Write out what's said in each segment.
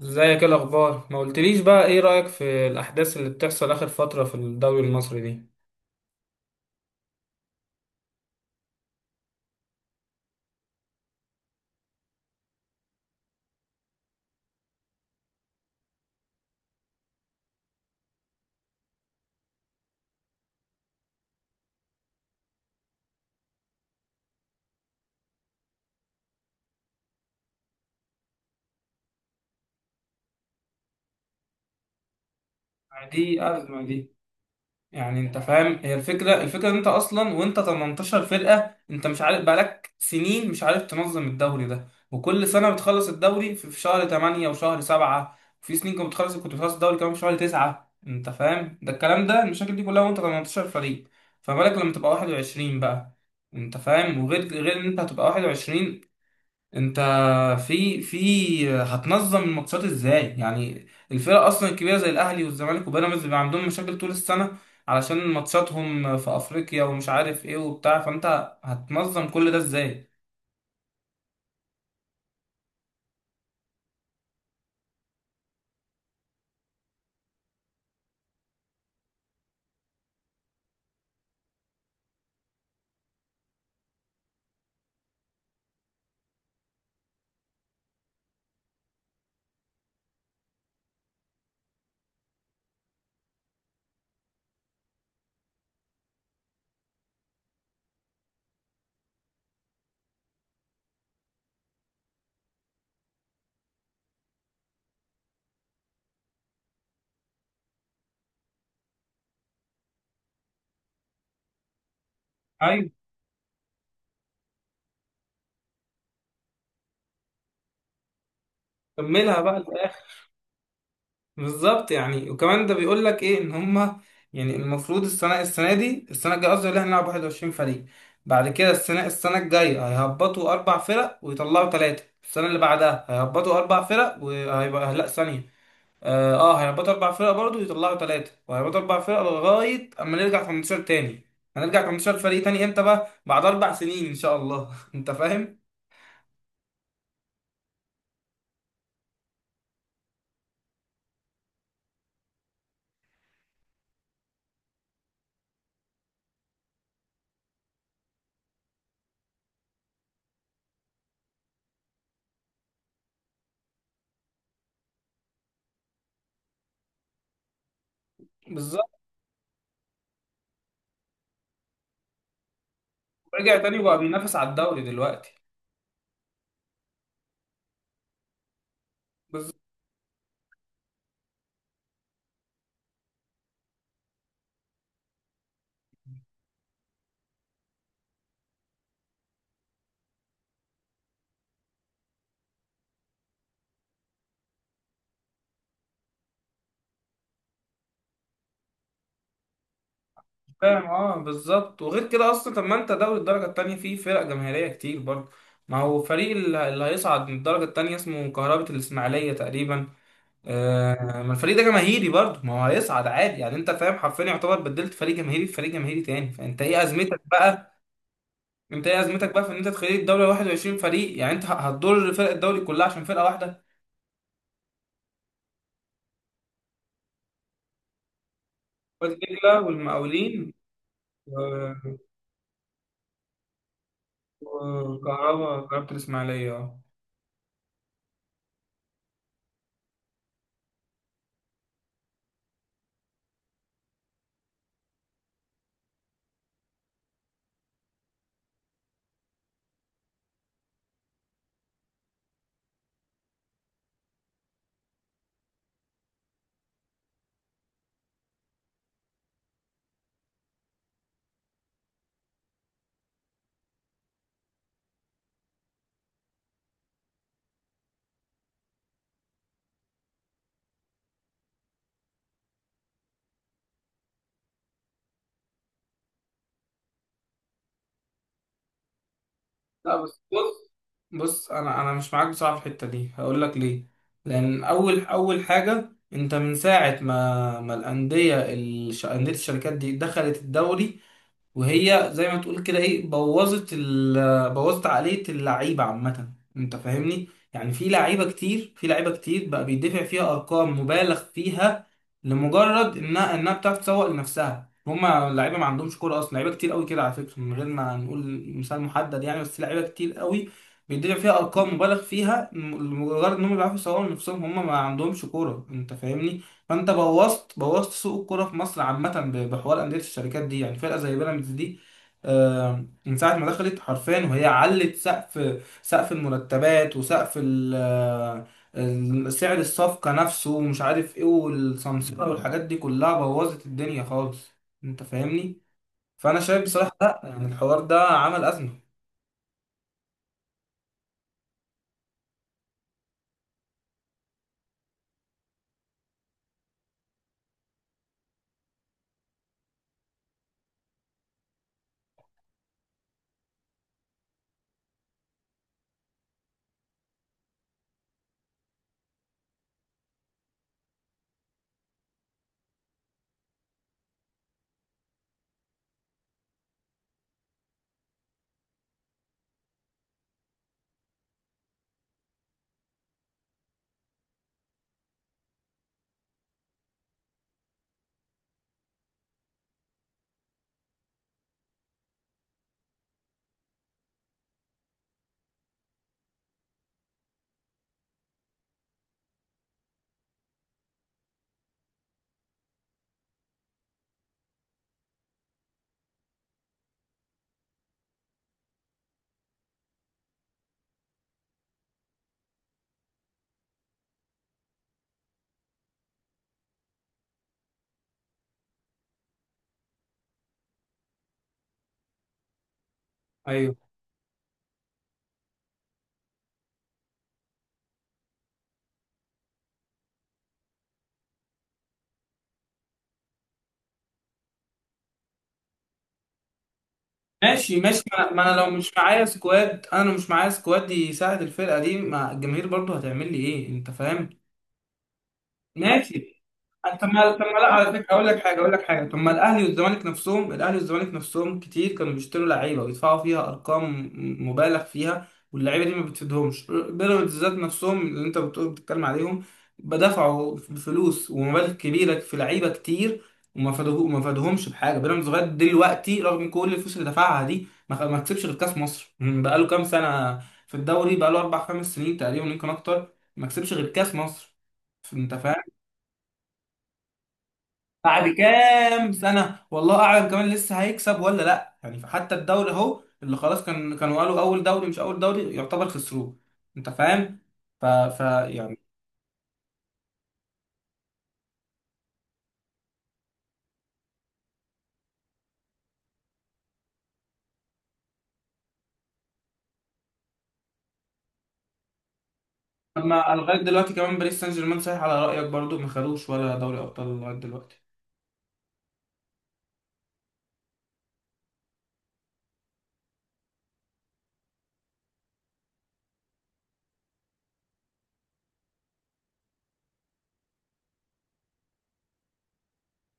ازيك؟ ايه الاخبار؟ ما قلتليش بقى، ايه رايك في الاحداث اللي بتحصل اخر فتره في الدوري المصري دي؟ دي ازمه دي. يعني انت فاهم، هي الفكره ان انت اصلا وانت 18 فرقه، انت مش عارف، بقالك سنين مش عارف تنظم الدوري ده، وكل سنه بتخلص الدوري في شهر 8 وشهر 7، في سنين كنت بتخلص الدوري كمان في شهر 9. انت فاهم؟ ده الكلام ده، المشاكل دي كلها وانت 18 فريق، فما بالك لما تبقى 21 بقى؟ انت فاهم. وغير غير ان انت هتبقى 21، انت في هتنظم الماتشات ازاي يعني؟ الفرق اصلا الكبيره زي الاهلي والزمالك وبيراميدز بيبقى عندهم مشاكل طول السنه، علشان ماتشاتهم في افريقيا ومش عارف ايه وبتاع، فانت هتنظم كل ده ازاي؟ ايوه. كملها بقى للاخر. بالظبط. يعني وكمان ده بيقول لك ايه؟ ان هما يعني المفروض السنه دي، السنه الجايه قصدي، اللي هنلعب 21 فريق. بعد كده السنه الجايه هيهبطوا اربع فرق ويطلعوا ثلاثه، السنه اللي بعدها هيهبطوا اربع فرق وهيبقى، لا ثانيه. هيهبطوا اربع فرق برضه، يطلعوا ثلاثة وهيهبطوا اربع فرق لغاية اما نرجع 18 تاني. هنرجع 18 فريق تاني امتى بقى؟ بعد اربع سنين ان شاء الله. انت فاهم. بالظبط. رجع تاني وبقى بينافس على الدوري دلوقتي. بالظبط. فاهم، اه بالظبط. وغير كده اصلا، طب ما انت دوري الدرجة التانية فيه فرق جماهيرية كتير برضه، ما هو فريق اللي هيصعد من الدرجة التانية اسمه كهربة الإسماعيلية تقريبا. آه، ما الفريق ده جماهيري برضه، ما هو هيصعد عادي يعني. انت فاهم؟ حرفيا يعتبر بدلت فريق جماهيري في فريق جماهيري تاني، فانت ايه ازمتك بقى؟ انت ايه ازمتك بقى في ان انت تخلي الدوري 21 فريق؟ يعني انت هتضر فرق الدوري كلها عشان فرقه واحده. وادي دجله والمقاولين و- وكهربا الاسماعيليه. اه. لا بس، بص بص، انا مش معاك بصراحه في الحته دي، هقول لك ليه. لان اول حاجه انت من ساعه ما انديه الشركات دي دخلت الدوري، وهي زي ما تقول كده ايه، بوظت عقلية اللعيبة عامة. انت فاهمني؟ يعني في لعيبة كتير بقى بيدفع فيها ارقام مبالغ فيها لمجرد انها بتعرف تسوق لنفسها، هما اللعيبة ما عندهمش كورة اصلا. لعيبة كتير قوي كده على فكرة، من غير ما نقول مثال محدد يعني، بس لعيبة كتير قوي بيدفع فيها ارقام مبالغ فيها، لمجرد انهم بيعرفوا يسوقوا لنفسهم، هما ما عندهمش كورة. انت فاهمني؟ فانت بوظت سوق الكوره في مصر عامه بحوار انديه الشركات دي. يعني فرقه زي بيراميدز دي، من ساعه ما دخلت حرفيا وهي علت سقف المرتبات وسقف سعر الصفقه نفسه، ومش عارف ايه والسمسره والحاجات دي كلها بوظت الدنيا خالص. انت فاهمني؟ فانا شايف بصراحه، لا يعني الحوار ده عمل ازمه. ايوه. ماشي ماشي، ما انا لو مش معايا سكواد يساعد الفرقه دي، ما الجماهير برضو هتعمل لي ايه؟ انت فاهم. ماشي. طب ما لا، على فكره، اقول لك حاجه. طب ما الاهلي والزمالك نفسهم كتير كانوا بيشتروا لعيبه ويدفعوا فيها ارقام مبالغ فيها، واللعيبه دي ما بتفيدهمش. بيراميدز ذات نفسهم اللي انت بتقول بتتكلم عليهم بدفعوا فلوس ومبالغ كبيره في لعيبه كتير وما فادوه، ما فادهمش بحاجه. بيراميدز لغايه دلوقتي رغم كل الفلوس اللي دفعها دي ما كسبش غير كاس مصر بقاله كام سنه. في الدوري بقاله اربع خمس سنين تقريبا، يمكن اكتر، ما كسبش غير كاس مصر. انت فاهم؟ بعد كام سنة والله أعلم كمان لسه هيكسب ولا لأ يعني، فحتى الدوري أهو اللي خلاص كانوا قالوا أول دوري، مش أول دوري يعتبر خسروه. أنت فاهم؟ ف... ف يعني أما لغاية دلوقتي كمان، باريس سان جيرمان صحيح على رأيك برضو ما خدوش ولا دوري أبطال لغاية دلوقتي.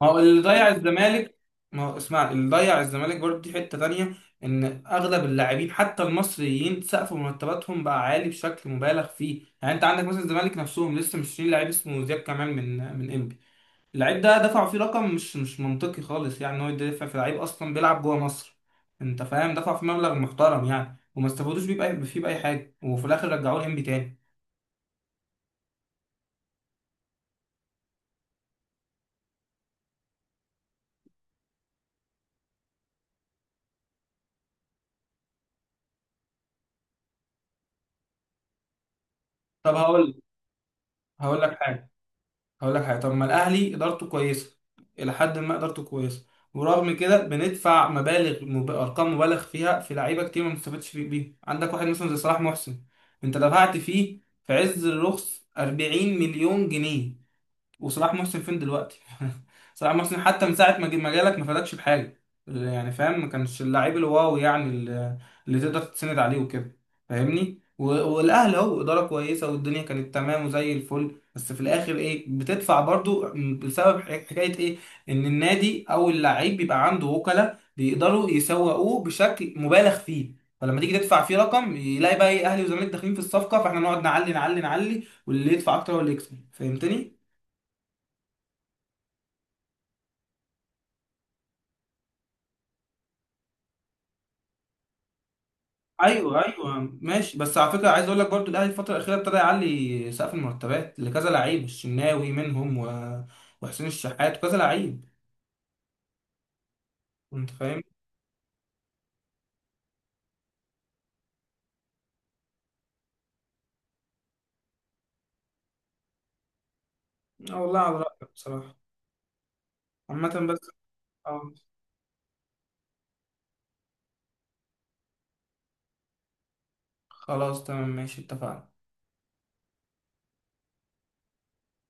ما هو اللي ضيع الزمالك. ما هو اسمع، اللي ضيع الزمالك برضو دي حتة تانية. إن أغلب اللاعبين حتى المصريين سقف مرتباتهم بقى عالي بشكل مبالغ فيه يعني، أنت عندك مثلا الزمالك نفسهم لسه مشترين لعيب اسمه زياد كمال من إنبي. اللعيب ده دفعوا فيه رقم مش منطقي خالص، يعني ان هو يدفع في لعيب اصلا بيلعب جوه مصر. انت فاهم؟ دفعوا فيه مبلغ محترم يعني وما استفادوش بيه بأي فيه بأي حاجه، وفي الاخر رجعوه الانبي تاني. طب هقول لك حاجه هقول لك حاجه. طب ما الاهلي ادارته كويسه، الى حد ما ادارته كويسه، ورغم كده بندفع ارقام مبالغ فيها في لعيبه كتير ما بنستفادش بيها. عندك واحد مثلا زي صلاح محسن، انت دفعت فيه في عز الرخص 40 مليون جنيه، وصلاح محسن فين دلوقتي؟ صلاح محسن حتى من ساعة ما جالك ما فادكش بحاجة يعني، فاهم. ما كانش اللاعب الواو يعني اللي تقدر تتسند عليه وكده، فاهمني. والاهلي اهو اداره كويسه والدنيا كانت تمام وزي الفل، بس في الاخر ايه؟ بتدفع برضو بسبب حكايه ايه؟ ان النادي او اللعيب بيبقى عنده وكلاء بيقدروا يسوقوه بشكل مبالغ فيه، فلما تيجي تدفع فيه رقم يلاقي بقى ايه؟ اهلي وزمالك داخلين في الصفقه، فاحنا نقعد نعلي نعلي نعلي، واللي يدفع اكتر هو اللي يكسب. فهمتني؟ ايوه ايوه، ماشي. بس على فكره، عايز اقول لك برضو الاهلي الفتره الاخيره ابتدى يعلي سقف المرتبات لكذا لعيب، الشناوي منهم وحسين الشحات وكذا لعيب. انت فاهم. اه والله على رايك بصراحه. عامه بس. اه خلاص. تمام ماشي، اتفقنا.